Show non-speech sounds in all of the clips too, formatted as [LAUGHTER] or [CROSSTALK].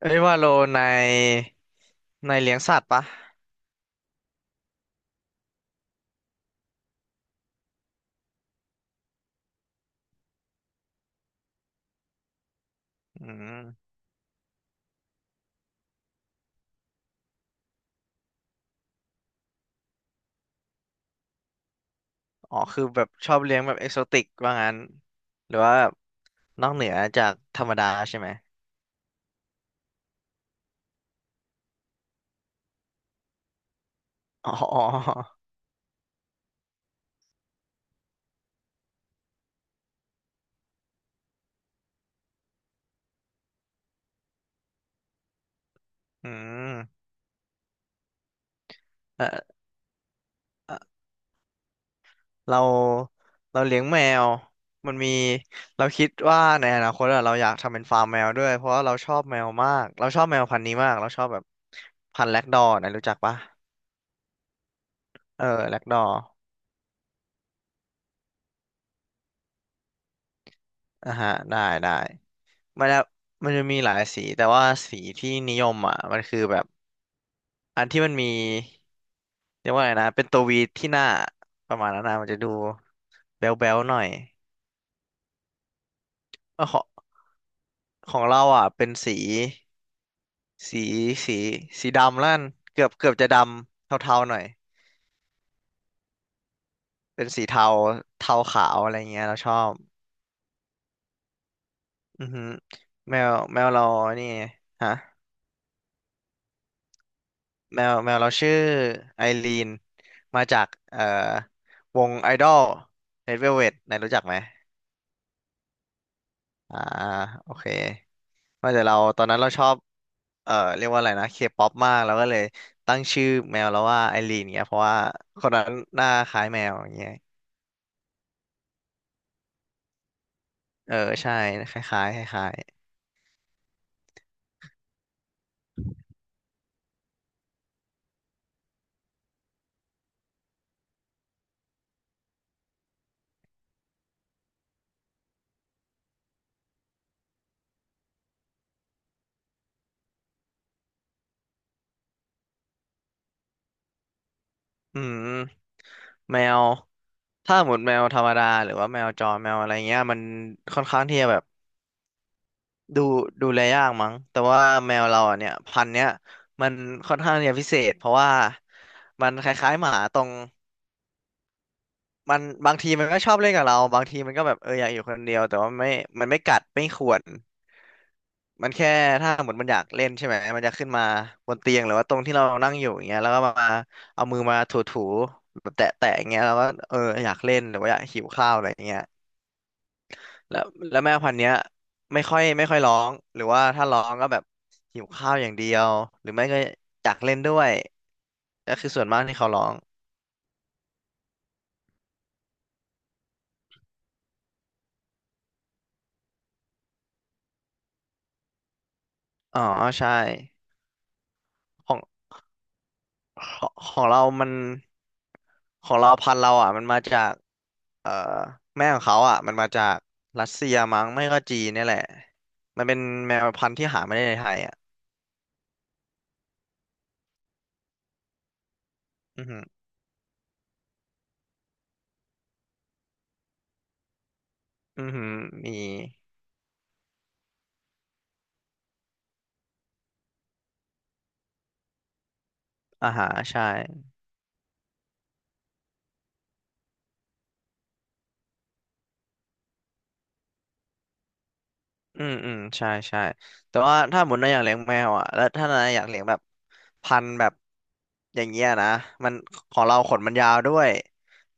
เอ้ยว่าโลในในเลี้ยงสัตว์ปะอืมอ๋อคือแบบชอบเลี้ยงแบบเอกโซติกว่างั้นหรือว่าแบบนอกเหนือจากธรรมดาใช่ไหมอ๋ออืมเออเอ่อเราเราเลี้ยงแมว มันมีเราคิดว่าในอนาคตอะเราอยากทำเป็นฟาร์มแมวด้วยเพราะว่าเราชอบแมวมาก เราชอบแมวพันธุ์นี้มาก เราชอบแบบพันธุ์แล็กดอร์นะรู้จักปะเออแล็กดอร์อ่ะฮะได้ได้ มันจะมันจะมีหลายสีแต่ว่าสีที่นิยมอ่ะมันคือแบบอันที่มันมีเรียกว่าไงนะเป็นตัววีที่หน้าประมาณนั้นนะมันจะดูแบ๊วๆหน่อยเออของของเราอ่ะเป็นสีสีสีสีดำแล้วกันเกือบเกือบจะดำเทาๆหน่อยเป็นสีเทาเทาขาวอะไรเงี้ยเราชอบอือหือแมวแมวเรานี่ฮะแมวแมวเราชื่อไอรีนมาจากวงไอดอล Red Velvet นายรู้จักไหม อ่าโอเคว่าแต่เราตอนนั้นเราชอบเรียกว่าอะไรนะเคป๊อปมากแล้วก็เลยตั้งชื่อแมวแล้วว่าไอรีนเนี่ยเพราะว่าคนนั้นหน้าคล้ายแมวอย่างเงี้ยเออใช่คล้ายๆคล้ายๆอืมแมวถ้าหมดแมวธรรมดาหรือว่าแมวจรแมวอะไรเงี้ยมันค่อนข้างที่จะแบบดูดูแลยากมั้งแต่ว่าแมวเราอ่ะเนี่ยพันธุ์เนี้ยมันค่อนข้างที่จะพิเศษเพราะว่ามันคล้ายๆหมาตรง มันบางทีมันก็ชอบเล่นกับเราบางทีมันก็แบบเอออยากอยู่คนเดียวแต่ว่าไม่มันไม่กัดไม่ข่วนมันแค่ถ้าหมดมันอยากเล่นใช่ไหมมันจะขึ้นมาบนเตียงหรือว่าตรงที่เรานั่งอยู่อย่างเงี้ยแล้วก็มาเอามือมาถูๆแบบแตะๆอย่างเงี้ยแล้วก็เอออยากเล่นหรือว่าอยากหิวข้าวอะไรอย่างเงี้ยแล้วแล้วแม่พันธุ์เนี้ยไม่ค่อยไม่ค่อยร้องหรือว่าถ้าร้องก็แบบหิวข้าวอย่างเดียวหรือไม่ก็อยากเล่นด้วยก็คือส่วนมากที่เขาร้องอ๋อใช่ของ ของของเรามันของเราพันธุ์เราอ่ะมันมาจากเอ่อแม่ของเขาอ่ะมันมาจากรัสเซียมั้งไม่ก็จีนเนี่ยแหละ มันเป็นแมวพันธุ์ที่หาไม่ได้ในไทยอ่ะอือหืออือหือมีอาหารใช่ อืมอืมใช่ใช่แต่ว่าถ้าหมุนนายอยากเลี้ยงแมวอ่ะแล้วถ้านายอยากเลี้ยงแบบพันธุ์แบบอย่างเงี้ยนะมันของเราขนมันยาวด้วย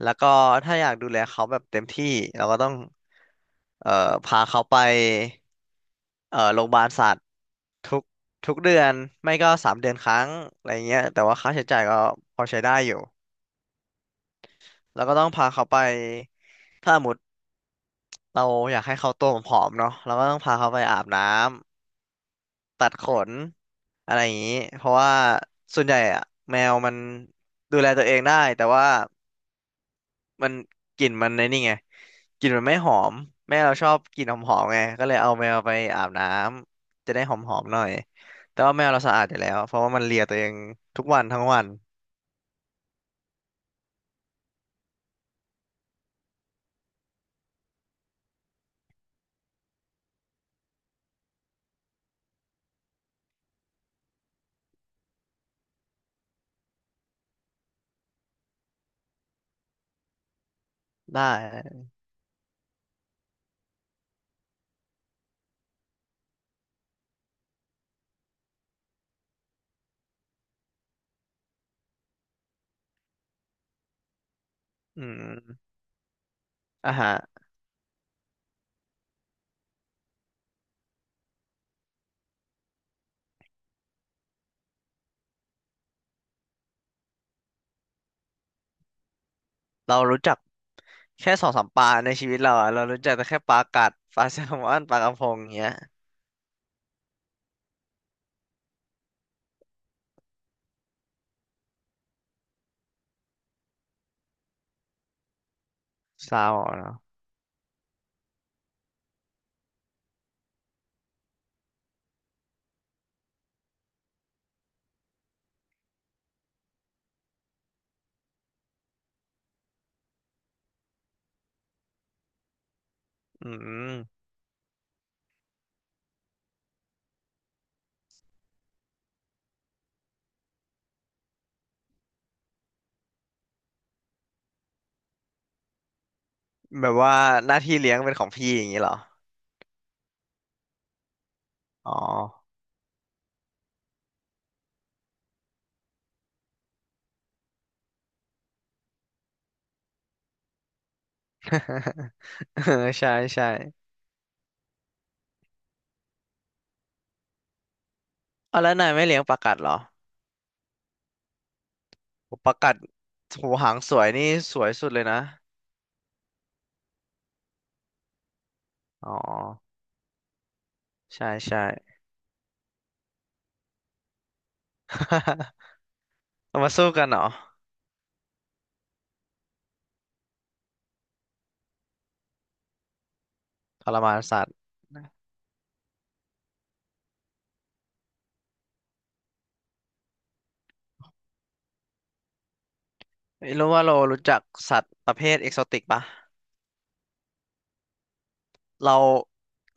แล้วก็ถ้าอยากดูแลเขาแบบเต็มที่เราก็ต้องเอ่อพาเขาไปโรงพยาบาลสัตว์ทุกทุกเดือนไม่ก็สามเดือนครั้งอะไรเงี้ยแต่ว่าค่าใช้จ่ายก็พอใช้ได้อยู่แล้วก็ต้องพาเขาไปถ้าสมมติเราอยากให้เขาตัวผอมๆเนาะเราก็ต้องพาเขาไปอาบน้ำ ตัดขนอะไรอย่างนี้เพราะว่าส่วนใหญ่อะแมวมันดูแลตัวเองได้แต่ว่ามันกลิ่นมันในนี่ไงกลิ่นมันไม่หอมแม่เราชอบกลิ่นหอมๆไงก็เลยเอาแมวไปอาบน้ำจะได้หอมๆหน่อยแต่ว่าแมวเราสะอาดอยู่แล้วเพราะว่ามันเลียตัวเองทุกวันทั้งวันได้อืมอ่ะฮะเรารู้จักแค่2-3ปลาในชีวิตเราอะเรารู้จักแต่แค่ปลากัดปลาแซลมอนปลากระพงอย่างเงี้ยเศร้าเนาะอืม แบบว่าหน้าที่เลี้ยงเป็นของพี่อย่างนี้เหรออ๋อ [LAUGHS] เออใช่ใช่เอาแล้วนายไม่เลี้ยงปลากัดเหรอโอปลากัดหูหางสวยนี่สวยสุดเลยนะอ๋อใช่ใช่ [LAUGHS] เรามาสู้กันเหรอทรมานสัตว์ไม่รู้ว่าเรารู้จักสัตว์ประเภทเอกโซติกปะเรา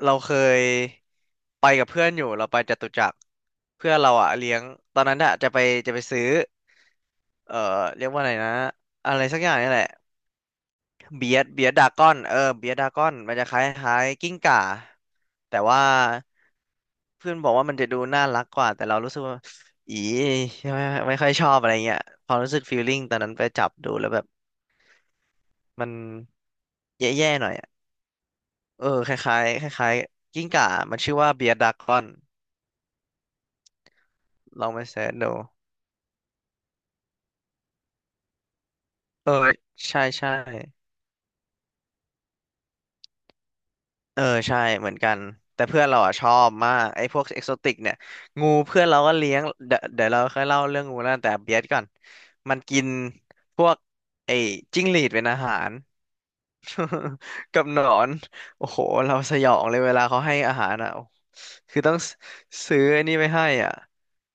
เราเคยไปกับเพื่อนอยู่เราไปจตุจักรเพื่อนเราอะเลี้ยงตอนนั้นอะจะไปจะไปซื้อเอ่อเรียกว่าอะไรนะอะไรสักอย่างนี่แหละ เบียดเบียดดากอนเออเบียดดากอนมันจะคล้ายคล้ายกิ้งก่าแต่ว่าเพื่อนบอกว่ามันจะดูน่ารักกว่าแต่เรารู้สึกว่าอีไม่ไม่ค่อยชอบอะไรเงี้ยความรู้สึกฟีลลิ่งตอนนั้นไปจับดูแล้วแบบมันแย่ๆหน่อยอะเออคล้ายๆคล้ายๆกิ้งก่ามันชื่อว่าเบียดดากอนลองไปเสิร์ชดูเออใช่ใช่ เออใช่เหมือนกันแต่เพื่อนเราอ่ะชอบมากไอ้พวกเอกโซติกเนี่ยงูเพื่อนเราก็เลี้ยงเดี๋ยวเดี๋ยวเราค่อยเล่าเรื่องงูแล้วแต่เบียดก่อนมันกินพวกไอ้จิ้งหรีดเป็นอาหาร [LAUGHS] กับหนอนโอ้โหเราสยองเลยเวลาเขาให้อาหารอ่ะโอ้คือต้องซซื้อไอ้นี่ไปให้อ่ะ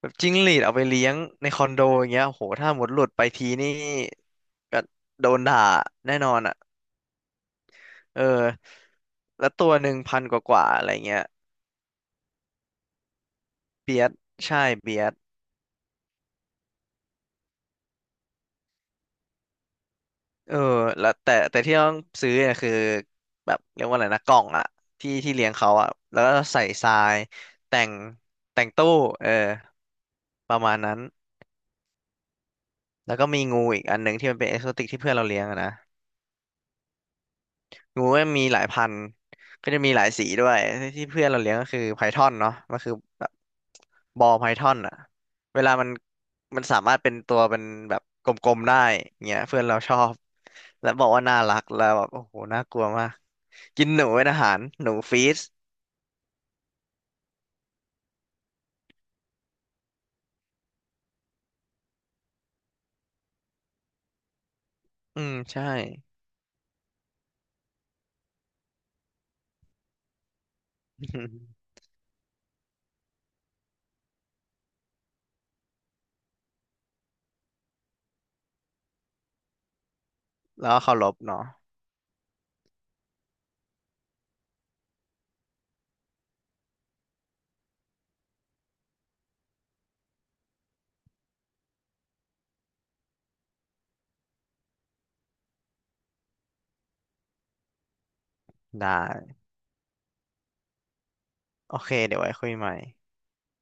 แบบจิ้งหรีดเอาไปเลี้ยงในคอนโดอย่างเงี้ยโอ้โหถ้าหมดหลุดไปทีนี่ก็โดนด่าแน่นอนอ่ะเออแล้วตัว1,000กว่าๆอะไรเงี้ย เบียดใช่เบียดเออแล้วแต่แต่ที่ต้องซื้อเนี่ยคือแบบเรียกว่าอะไรนะกล่องอะที่ที่เลี้ยงเขาอะแล้วก็ใส่ทรายแต่งแต่งตู้เออประมาณนั้นแล้วก็มีงูอีกอันหนึ่งที่มันเป็นเอ็กโซติกที่เพื่อนเราเลี้ยงอะนะ งูก็มีหลายพันธุ์ก็จะมีหลายสีด้วยที่เพื่อนเราเลี้ยงก็คือไพทอนเนาะมันคือแบบบอลไพทอนอะ เวลามันมันสามารถเป็นตัวเป็นแบบกลมๆได้เงี้ยเพื่อนเราชอบแล้วบอกว่าน่ารักแล้วแบบโอ้โหน่ากลัวมากกินหนูเป็นอาหารหนูฟีสอืมใช่ [LAUGHS] แล้วก็เคารพเนาะได้โอเคเดี๋ยวไว้คุยใหม่